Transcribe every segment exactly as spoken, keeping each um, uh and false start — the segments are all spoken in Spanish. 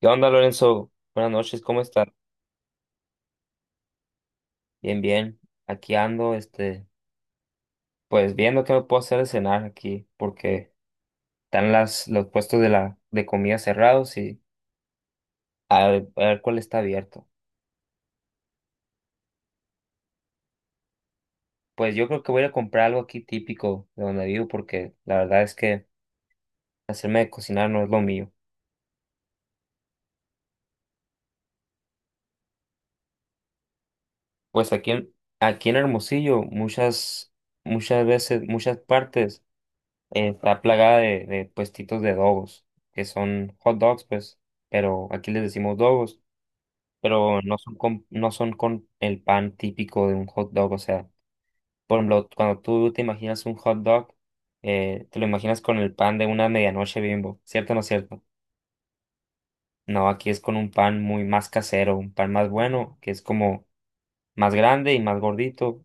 ¿Qué onda, Lorenzo? Buenas noches, ¿cómo estás? Bien, bien. Aquí ando, este, pues viendo qué me puedo hacer de cenar aquí, porque están las, los puestos de la, de comida cerrados y a ver, a ver cuál está abierto. Pues yo creo que voy a ir a comprar algo aquí típico de donde vivo, porque la verdad es que hacerme de cocinar no es lo mío. Pues aquí en, aquí en Hermosillo, muchas, muchas veces, muchas partes, eh, está plagada de, de puestitos de dogos, que son hot dogs, pues, pero aquí les decimos dogos, pero no son con, no son con el pan típico de un hot dog. O sea, por ejemplo, cuando tú te imaginas un hot dog, eh, te lo imaginas con el pan de una medianoche Bimbo, ¿cierto o no es cierto? No, aquí es con un pan muy más casero, un pan más bueno, que es como más grande y más gordito.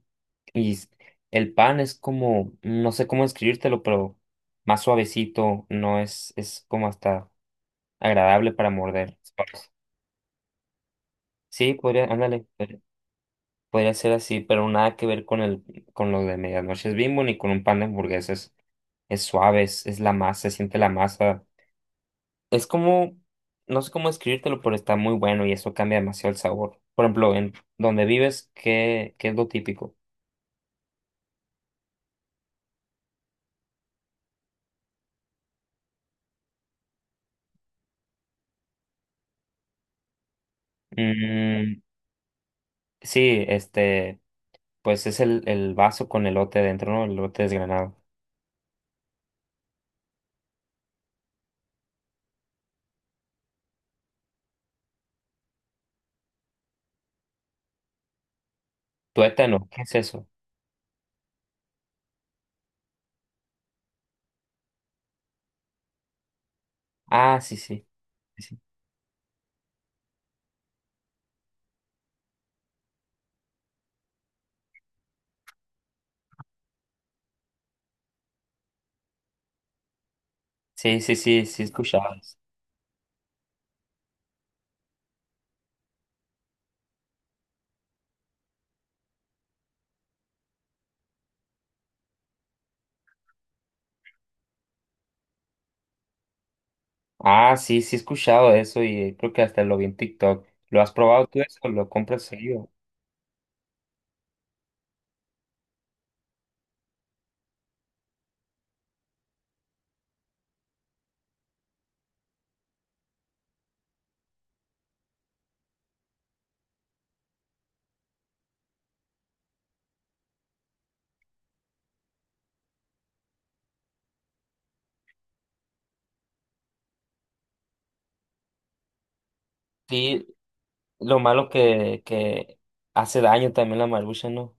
Y s- el pan es como, no sé cómo describírtelo, pero más suavecito, no es, es como hasta agradable para morder. Sí, podría, ándale. Podría ser así, pero nada que ver con el, con lo de medianoche es Bimbo ni con un pan de hamburguesas. Es suave, es, es la masa, se siente la masa. Es como, no sé cómo escribírtelo, pero está muy bueno y eso cambia demasiado el sabor. Por ejemplo, en donde vives, ¿qué, ¿qué es lo típico? Mm, sí, este, pues es el, el vaso con elote dentro, ¿no? El elote desgranado. Tuétano, ¿qué es eso? Ah, sí, sí. Sí, sí, sí, sí, sí, sí he escuchado. Ah, sí, sí he escuchado eso y eh, creo que hasta lo vi en TikTok. ¿Lo has probado tú eso? ¿Lo compras seguido? Sí, lo malo que, que hace daño también la marucha, ¿no?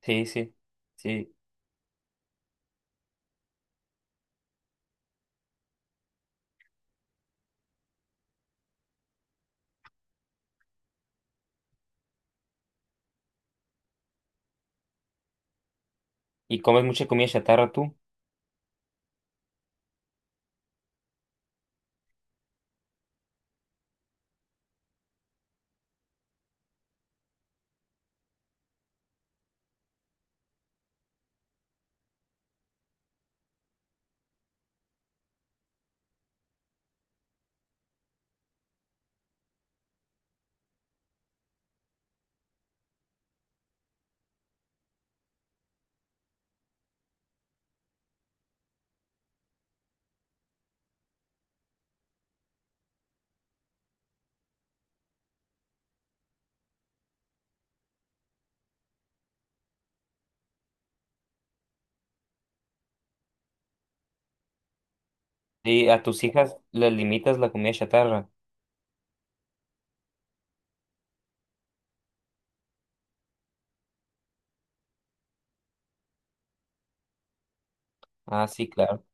Sí, sí, sí. ¿Y comes mucha comida chatarra tú? Sí, a tus hijas les limitas la comida chatarra. Ah, sí, claro.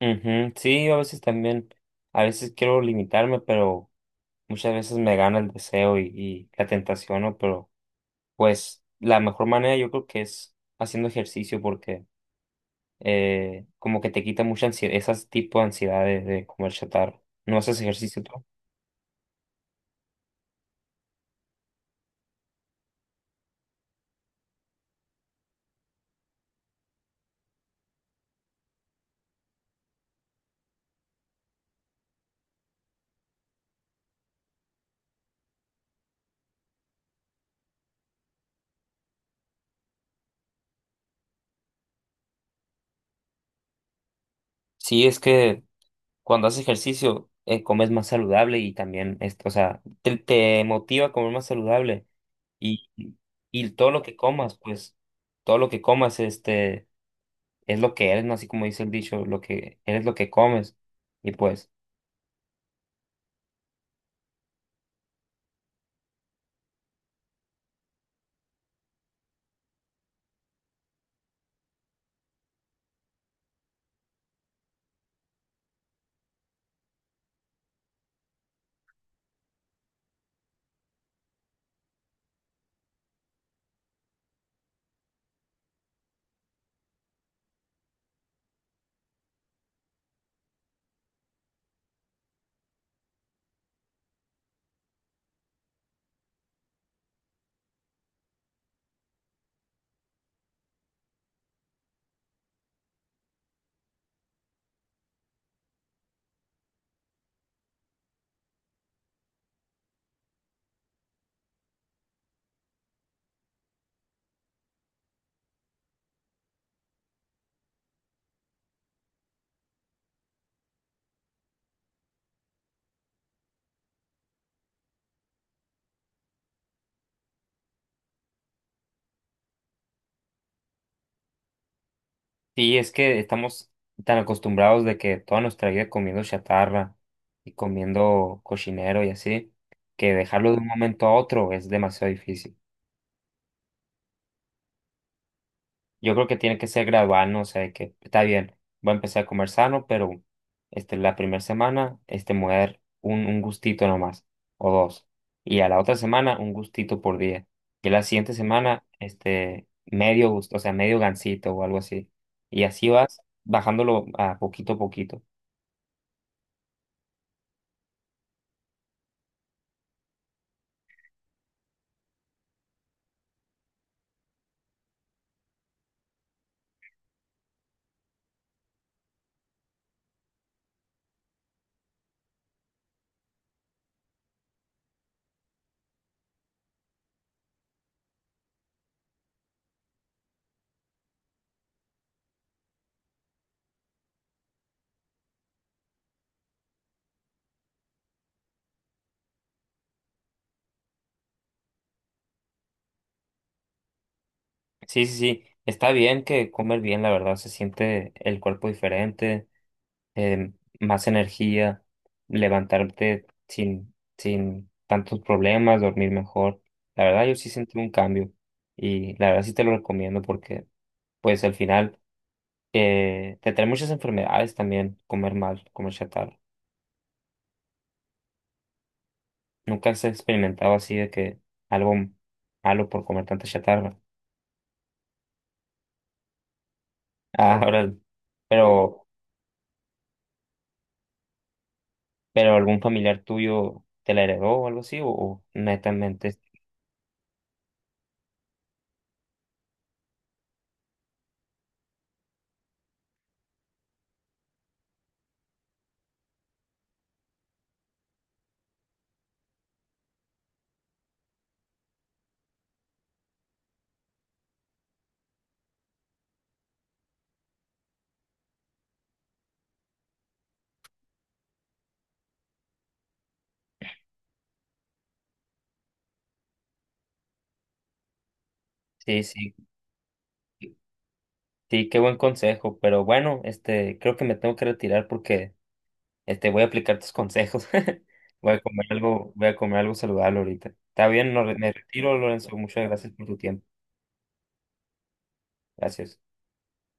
Ujú, sí, yo a veces también, a veces quiero limitarme, pero muchas veces me gana el deseo y, y la tentación, ¿no? Pero pues la mejor manera yo creo que es haciendo ejercicio porque eh, como que te quita mucha ansiedad, esas tipo de ansiedades de comer chatarra. ¿No haces ejercicio tú? Sí, es que cuando haces ejercicio, eh, comes más saludable y también, es- o sea, te, te motiva a comer más saludable y, y todo lo que comas, pues, todo lo que comas, este, es lo que eres, ¿no? Así como dice el dicho, lo que eres lo que comes. Y pues... Sí, es que estamos tan acostumbrados de que toda nuestra vida comiendo chatarra y comiendo cochinero y así, que dejarlo de un momento a otro es demasiado difícil. Yo creo que tiene que ser gradual, ¿no? O sea, de que está bien, voy a empezar a comer sano, pero este, la primera semana este, me voy a dar un, un gustito nomás, o dos. Y a la otra semana un gustito por día. Y a la siguiente semana, este, medio gusto, o sea, medio gansito o algo así. Y así vas bajándolo a poquito a poquito. Sí, sí, sí. Está bien que comer bien, la verdad. Se siente el cuerpo diferente, eh, más energía, levantarte sin, sin tantos problemas, dormir mejor. La verdad, yo sí sentí un cambio y la verdad sí te lo recomiendo porque, pues, al final eh, te trae muchas enfermedades también comer mal, comer chatarra. Nunca has experimentado así de que algo malo por comer tanta chatarra. Ah, ahora, sí. Pero ¿pero algún familiar tuyo te la heredó o algo así? ¿O, o netamente? Sí, sí, sí, qué buen consejo. Pero bueno, este, creo que me tengo que retirar porque este, voy a aplicar tus consejos. Voy a comer algo, voy a comer algo saludable ahorita. Está bien, no, me retiro, Lorenzo. Muchas gracias por tu tiempo. Gracias.